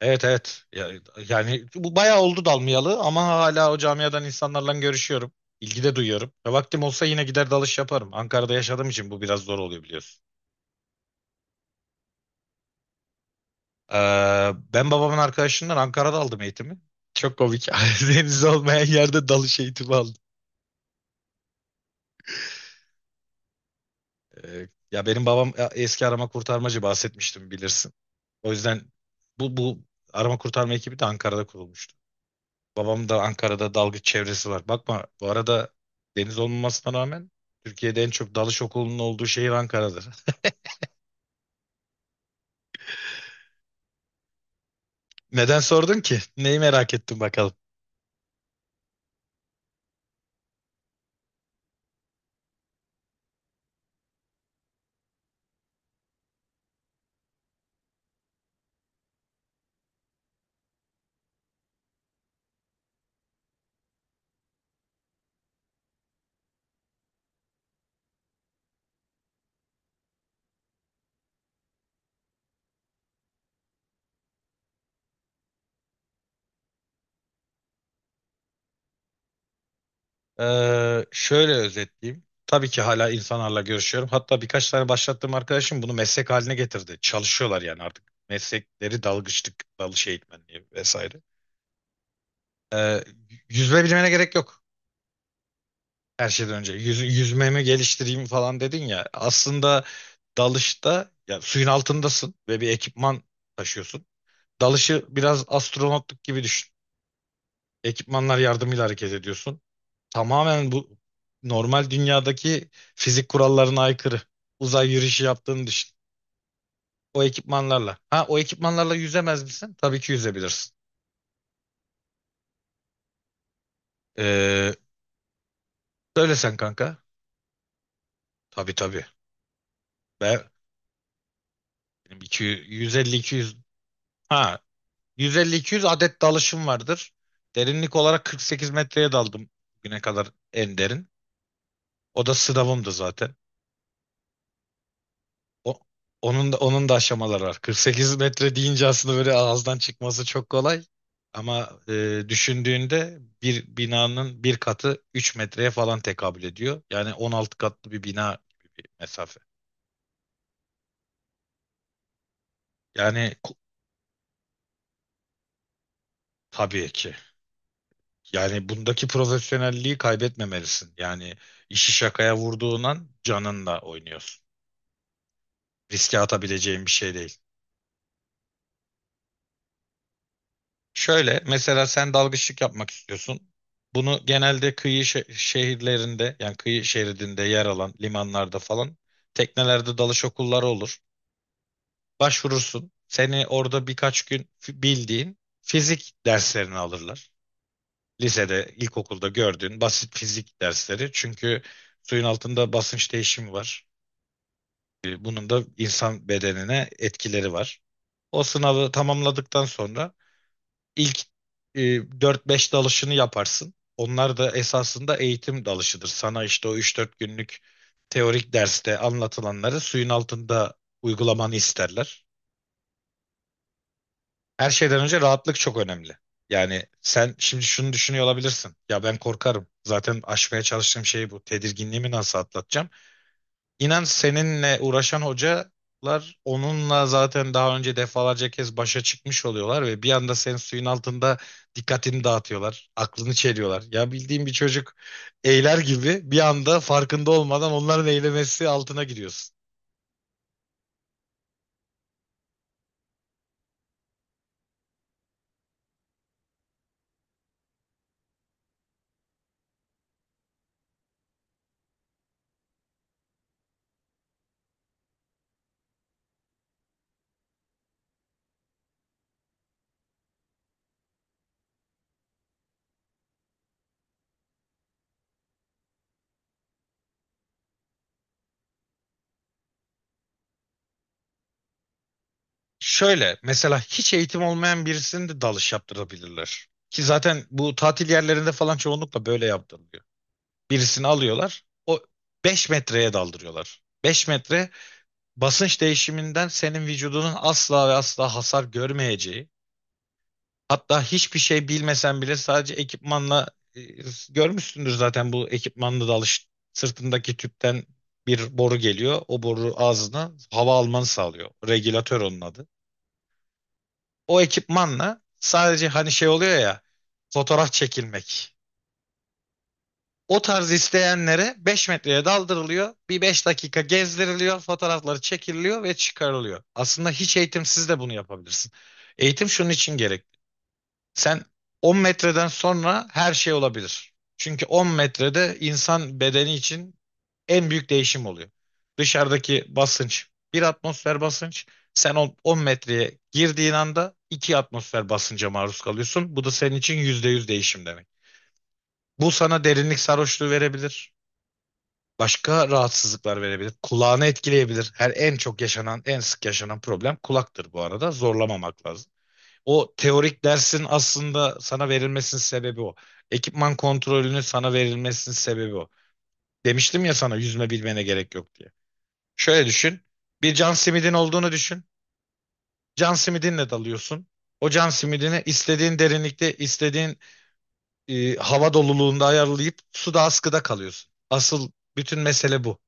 Evet evet. Yani bu bayağı oldu dalmayalı ama hala o camiadan insanlarla görüşüyorum. İlgi de duyuyorum. Ya vaktim olsa yine gider dalış yaparım. Ankara'da yaşadığım için bu biraz zor oluyor biliyorsun. Ben babamın arkadaşından Ankara'da aldım eğitimi. Çok komik. Deniz olmayan yerde dalış eğitimi aldım. Ya benim babam eski arama kurtarmacı bahsetmiştim bilirsin. O yüzden bu arama kurtarma ekibi de Ankara'da kurulmuştu. Babam da Ankara'da dalgıç çevresi var. Bakma bu arada deniz olmamasına rağmen Türkiye'de en çok dalış okulunun olduğu şehir Ankara'dır. Neden sordun ki? Neyi merak ettin bakalım. Şöyle özetleyeyim. Tabii ki hala insanlarla görüşüyorum. Hatta birkaç tane başlattığım arkadaşım bunu meslek haline getirdi. Çalışıyorlar yani artık. Meslekleri dalgıçlık, dalış eğitmenliği vesaire. Ee, Yüzme bilmene gerek yok. Her şeyden önce yüzmemi geliştireyim falan dedin ya. Aslında dalışta ya suyun altındasın ve bir ekipman taşıyorsun. Dalışı biraz astronotluk gibi düşün. Ekipmanlar yardımıyla hareket ediyorsun. Tamamen bu normal dünyadaki fizik kurallarına aykırı. Uzay yürüyüşü yaptığını düşün. O ekipmanlarla. Ha o ekipmanlarla yüzemez misin? Tabii ki yüzebilirsin. Ee, Söyle sen kanka. Tabii tabii. Ben benim 250-200 ha 150-200 adet dalışım vardır. Derinlik olarak 48 metreye daldım güne kadar en derin. O da sınavımdı zaten. O, onun da onun da aşamaları var. 48 metre deyince aslında böyle ağızdan çıkması çok kolay. Ama düşündüğünde bir binanın bir katı 3 metreye falan tekabül ediyor. Yani 16 katlı bir bina gibi bir mesafe. Yani tabii ki. Yani bundaki profesyonelliği kaybetmemelisin. Yani işi şakaya vurduğun an canınla oynuyorsun. Riske atabileceğim bir şey değil. Şöyle mesela sen dalgıçlık yapmak istiyorsun. Bunu genelde kıyı şehirlerinde yani kıyı şeridinde yer alan limanlarda falan teknelerde dalış okulları olur. Başvurursun. Seni orada birkaç gün bildiğin fizik derslerini alırlar. Lisede, ilkokulda gördüğün basit fizik dersleri. Çünkü suyun altında basınç değişimi var. Bunun da insan bedenine etkileri var. O sınavı tamamladıktan sonra İlk e, 4-5 dalışını yaparsın. Onlar da esasında eğitim dalışıdır. Sana işte o 3-4 günlük teorik derste anlatılanları suyun altında uygulamanı isterler. Her şeyden önce rahatlık çok önemli. Yani sen şimdi şunu düşünüyor olabilirsin. Ya ben korkarım. Zaten aşmaya çalıştığım şey bu. Tedirginliğimi nasıl atlatacağım? İnan seninle uğraşan hocalar onunla zaten daha önce defalarca kez başa çıkmış oluyorlar ve bir anda senin suyun altında dikkatini dağıtıyorlar, aklını çeliyorlar. Ya bildiğin bir çocuk eyler gibi bir anda farkında olmadan onların eylemesi altına giriyorsun. Şöyle mesela hiç eğitim olmayan birisini de dalış yaptırabilirler. Ki zaten bu tatil yerlerinde falan çoğunlukla böyle yaptırılıyor. Birisini alıyorlar, o 5 metreye daldırıyorlar. 5 metre basınç değişiminden senin vücudunun asla ve asla hasar görmeyeceği, hatta hiçbir şey bilmesen bile sadece ekipmanla e, görmüşsündür zaten bu ekipmanla da alış sırtındaki tüpten bir boru geliyor. O boru ağzına hava almanı sağlıyor. Regülatör onun adı. O ekipmanla sadece hani şey oluyor ya fotoğraf çekilmek. O tarz isteyenlere 5 metreye daldırılıyor. Bir 5 dakika gezdiriliyor. Fotoğrafları çekiliyor ve çıkarılıyor. Aslında hiç eğitimsiz de bunu yapabilirsin. Eğitim şunun için gerekli. Sen 10 metreden sonra her şey olabilir. Çünkü 10 metrede insan bedeni için en büyük değişim oluyor. Dışarıdaki basınç bir atmosfer basınç. Sen 10 metreye girdiğin anda 2 atmosfer basınca maruz kalıyorsun. Bu da senin için %100 değişim demek. Bu sana derinlik sarhoşluğu verebilir. Başka rahatsızlıklar verebilir. Kulağını etkileyebilir. Her en çok yaşanan, en sık yaşanan problem kulaktır bu arada. Zorlamamak lazım. O teorik dersin aslında sana verilmesinin sebebi o. Ekipman kontrolünün sana verilmesinin sebebi o. Demiştim ya sana yüzme bilmene gerek yok diye. Şöyle düşün. Bir can simidin olduğunu düşün. Can simidinle dalıyorsun. O can simidini istediğin derinlikte, istediğin hava doluluğunda ayarlayıp suda askıda kalıyorsun. Asıl bütün mesele bu.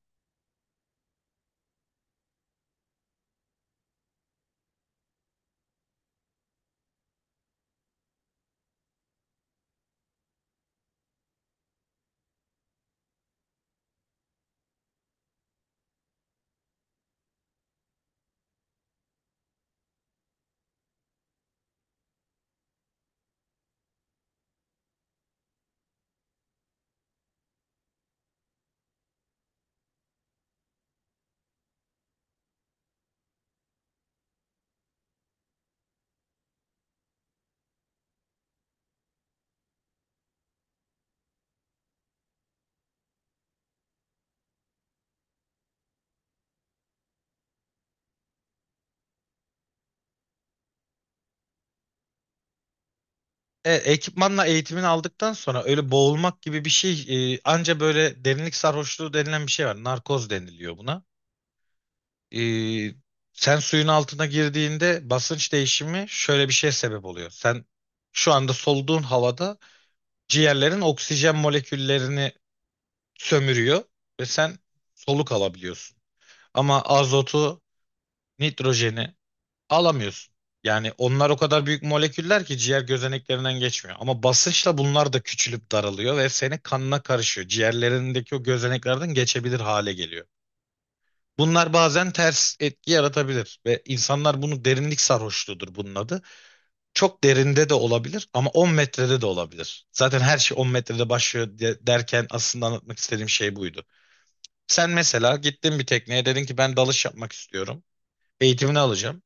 Evet, ekipmanla eğitimini aldıktan sonra öyle boğulmak gibi bir şey anca böyle derinlik sarhoşluğu denilen bir şey var. Narkoz deniliyor buna. E, Sen suyun altına girdiğinde basınç değişimi şöyle bir şeye sebep oluyor. Sen şu anda soluduğun havada ciğerlerin oksijen moleküllerini sömürüyor ve sen soluk alabiliyorsun. Ama azotu, nitrojeni alamıyorsun. Yani onlar o kadar büyük moleküller ki ciğer gözeneklerinden geçmiyor. Ama basınçla bunlar da küçülüp daralıyor ve senin kanına karışıyor. Ciğerlerindeki o gözeneklerden geçebilir hale geliyor. Bunlar bazen ters etki yaratabilir ve insanlar bunu derinlik sarhoşluğudur bunun adı. Çok derinde de olabilir ama 10 metrede de olabilir. Zaten her şey 10 metrede başlıyor derken aslında anlatmak istediğim şey buydu. Sen mesela gittin bir tekneye dedin ki ben dalış yapmak istiyorum. Eğitimini alacağım.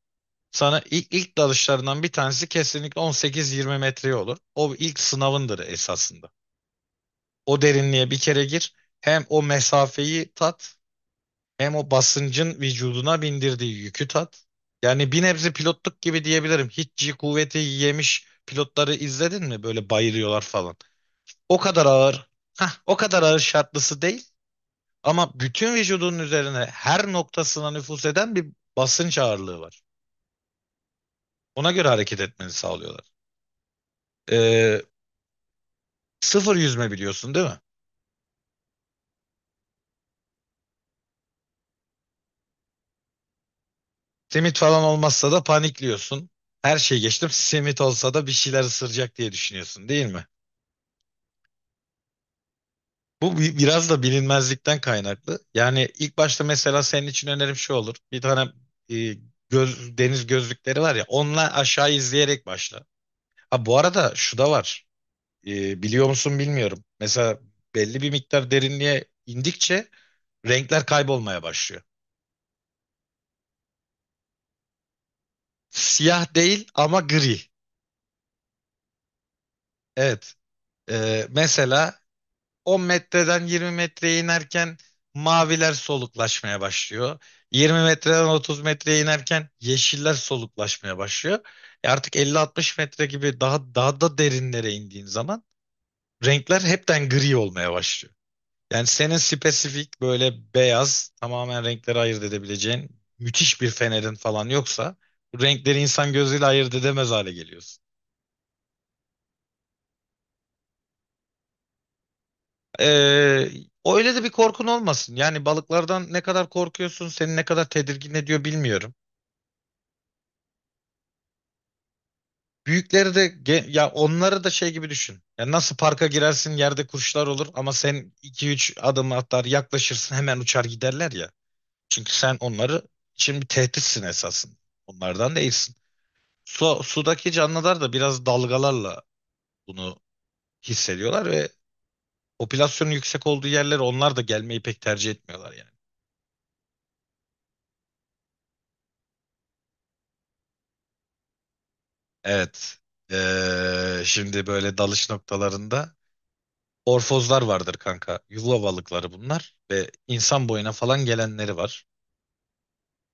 Sana ilk dalışlarından bir tanesi kesinlikle 18-20 metreye olur. O ilk sınavındır esasında. O derinliğe bir kere gir. Hem o mesafeyi tat, hem o basıncın vücuduna bindirdiği yükü tat. Yani bir nebze pilotluk gibi diyebilirim. Hiç G kuvveti yemiş pilotları izledin mi? Böyle bayılıyorlar falan. O kadar ağır. Hah, o kadar ağır şartlısı değil. Ama bütün vücudunun üzerine her noktasına nüfuz eden bir basınç ağırlığı var. Ona göre hareket etmeni sağlıyorlar. Ee, Sıfır yüzme biliyorsun değil mi? Simit falan olmazsa da panikliyorsun. Her şey geçtim. Simit olsa da bir şeyler ısıracak diye düşünüyorsun değil mi? Biraz da bilinmezlikten kaynaklı. Yani ilk başta mesela senin için önerim şu olur. Bir tane e, deniz gözlükleri var ya onunla aşağı izleyerek başla. Ha bu arada şu da var. Biliyor musun bilmiyorum. Mesela belli bir miktar derinliğe indikçe renkler kaybolmaya başlıyor. Siyah değil ama gri. Evet. Mesela 10 metreden 20 metreye inerken maviler soluklaşmaya başlıyor. 20 metreden 30 metreye inerken yeşiller soluklaşmaya başlıyor. Artık 50-60 metre gibi daha daha da derinlere indiğin zaman renkler hepten gri olmaya başlıyor. Yani senin spesifik böyle beyaz tamamen renkleri ayırt edebileceğin müthiş bir fenerin falan yoksa bu renkleri insan gözüyle ayırt edemez hale geliyorsun. Ee, Öyle de bir korkun olmasın. Yani balıklardan ne kadar korkuyorsun, seni ne kadar tedirgin ediyor bilmiyorum. Büyükleri de ya onları da şey gibi düşün. Ya nasıl parka girersin yerde kuşlar olur ama sen 2-3 adım atar yaklaşırsın hemen uçar giderler ya. Çünkü sen onları için bir tehditsin esasın. Onlardan değilsin. Su, sudaki canlılar da biraz dalgalarla bunu hissediyorlar ve popülasyonun yüksek olduğu yerlere onlar da gelmeyi pek tercih etmiyorlar yani. Evet. Şimdi böyle dalış noktalarında orfozlar vardır kanka. Yuva balıkları bunlar ve insan boyuna falan gelenleri var.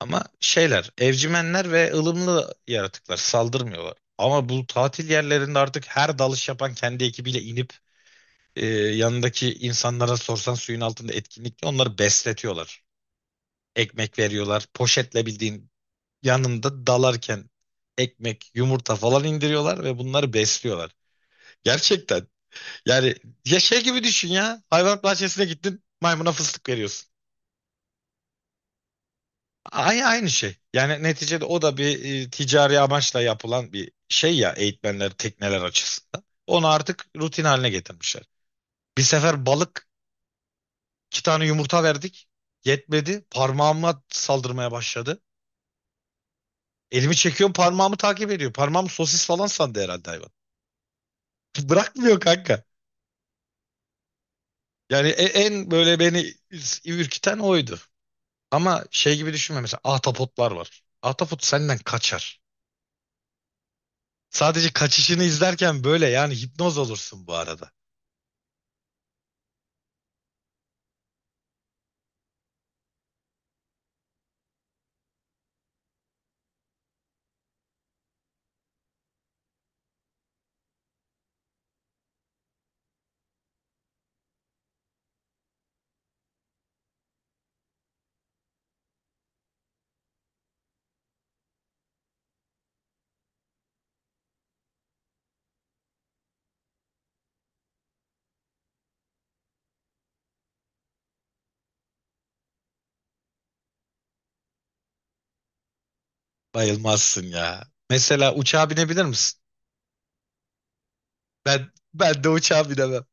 Ama şeyler, evcimenler ve ılımlı yaratıklar saldırmıyorlar. Ama bu tatil yerlerinde artık her dalış yapan kendi ekibiyle inip yanındaki insanlara sorsan suyun altında etkinlikle onları besletiyorlar. Ekmek veriyorlar. Poşetle bildiğin yanında dalarken ekmek, yumurta falan indiriyorlar ve bunları besliyorlar. Gerçekten. Yani ya şey gibi düşün ya. Hayvanat bahçesine gittin, maymuna fıstık veriyorsun. Aynı şey. Yani neticede o da bir ticari amaçla yapılan bir şey ya eğitmenler, tekneler açısından. Onu artık rutin haline getirmişler. Bir sefer balık iki tane yumurta verdik. Yetmedi. Parmağıma saldırmaya başladı. Elimi çekiyorum parmağımı takip ediyor. Parmağım sosis falan sandı herhalde hayvan. Bırakmıyor kanka. Yani en böyle beni ürküten oydu. Ama şey gibi düşünme mesela ahtapotlar var. Ahtapot senden kaçar. Sadece kaçışını izlerken böyle yani hipnoz olursun bu arada. Bayılmazsın ya. Mesela uçağa binebilir misin? Ben de uçağa binemem.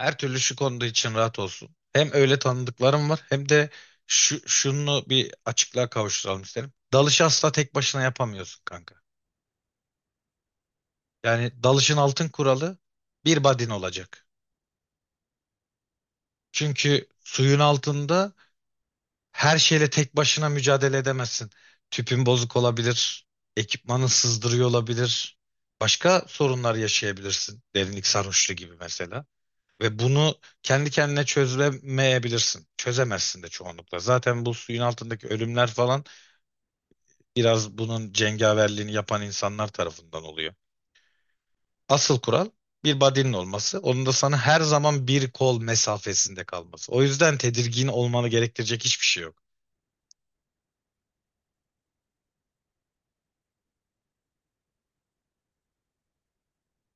Her türlü şu konuda için rahat olsun. Hem öyle tanıdıklarım var hem de şunu bir açıklığa kavuşturalım isterim. Dalışı asla tek başına yapamıyorsun kanka. Yani dalışın altın kuralı bir badin olacak. Çünkü suyun altında her şeyle tek başına mücadele edemezsin. Tüpün bozuk olabilir, ekipmanın sızdırıyor olabilir. Başka sorunlar yaşayabilirsin. Derinlik sarhoşluğu gibi mesela. Ve bunu kendi kendine çözemeyebilirsin. Çözemezsin de çoğunlukla. Zaten bu suyun altındaki ölümler falan biraz bunun cengaverliğini yapan insanlar tarafından oluyor. Asıl kural bir body'nin olması. Onun da sana her zaman bir kol mesafesinde kalması. O yüzden tedirgin olmanı gerektirecek hiçbir şey yok.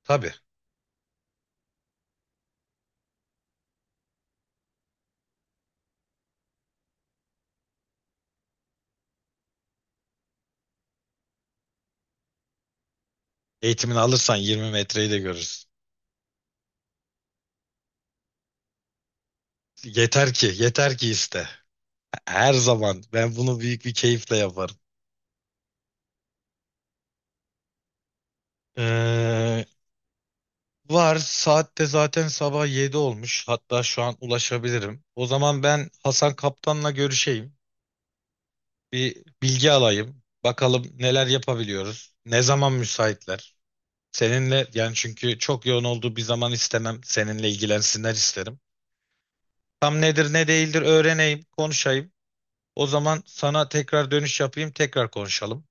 Tabii. Eğitimini alırsan 20 metreyi de görürsün. Yeter ki, yeter ki iste. Her zaman ben bunu büyük bir keyifle yaparım. Ee, Var saatte zaten sabah 7 olmuş. Hatta şu an ulaşabilirim. O zaman ben Hasan Kaptan'la görüşeyim. Bir bilgi alayım. Bakalım neler yapabiliyoruz. Ne zaman müsaitler? Seninle yani çünkü çok yoğun olduğu bir zaman istemem. Seninle ilgilensinler isterim. Tam nedir ne değildir öğreneyim, konuşayım. O zaman sana tekrar dönüş yapayım, tekrar konuşalım.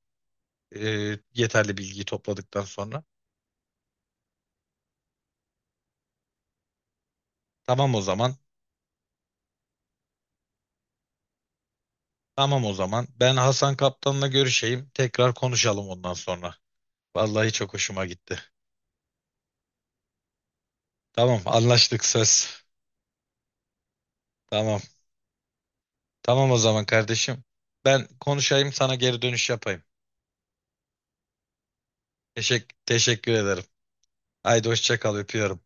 Yeterli bilgiyi topladıktan sonra. Tamam o zaman. Tamam o zaman. Ben Hasan Kaptan'la görüşeyim. Tekrar konuşalım ondan sonra. Vallahi çok hoşuma gitti. Tamam, anlaştık söz. Tamam. Tamam o zaman kardeşim. Ben konuşayım, sana geri dönüş yapayım. Teşekkür ederim. Haydi hoşça kal, öpüyorum.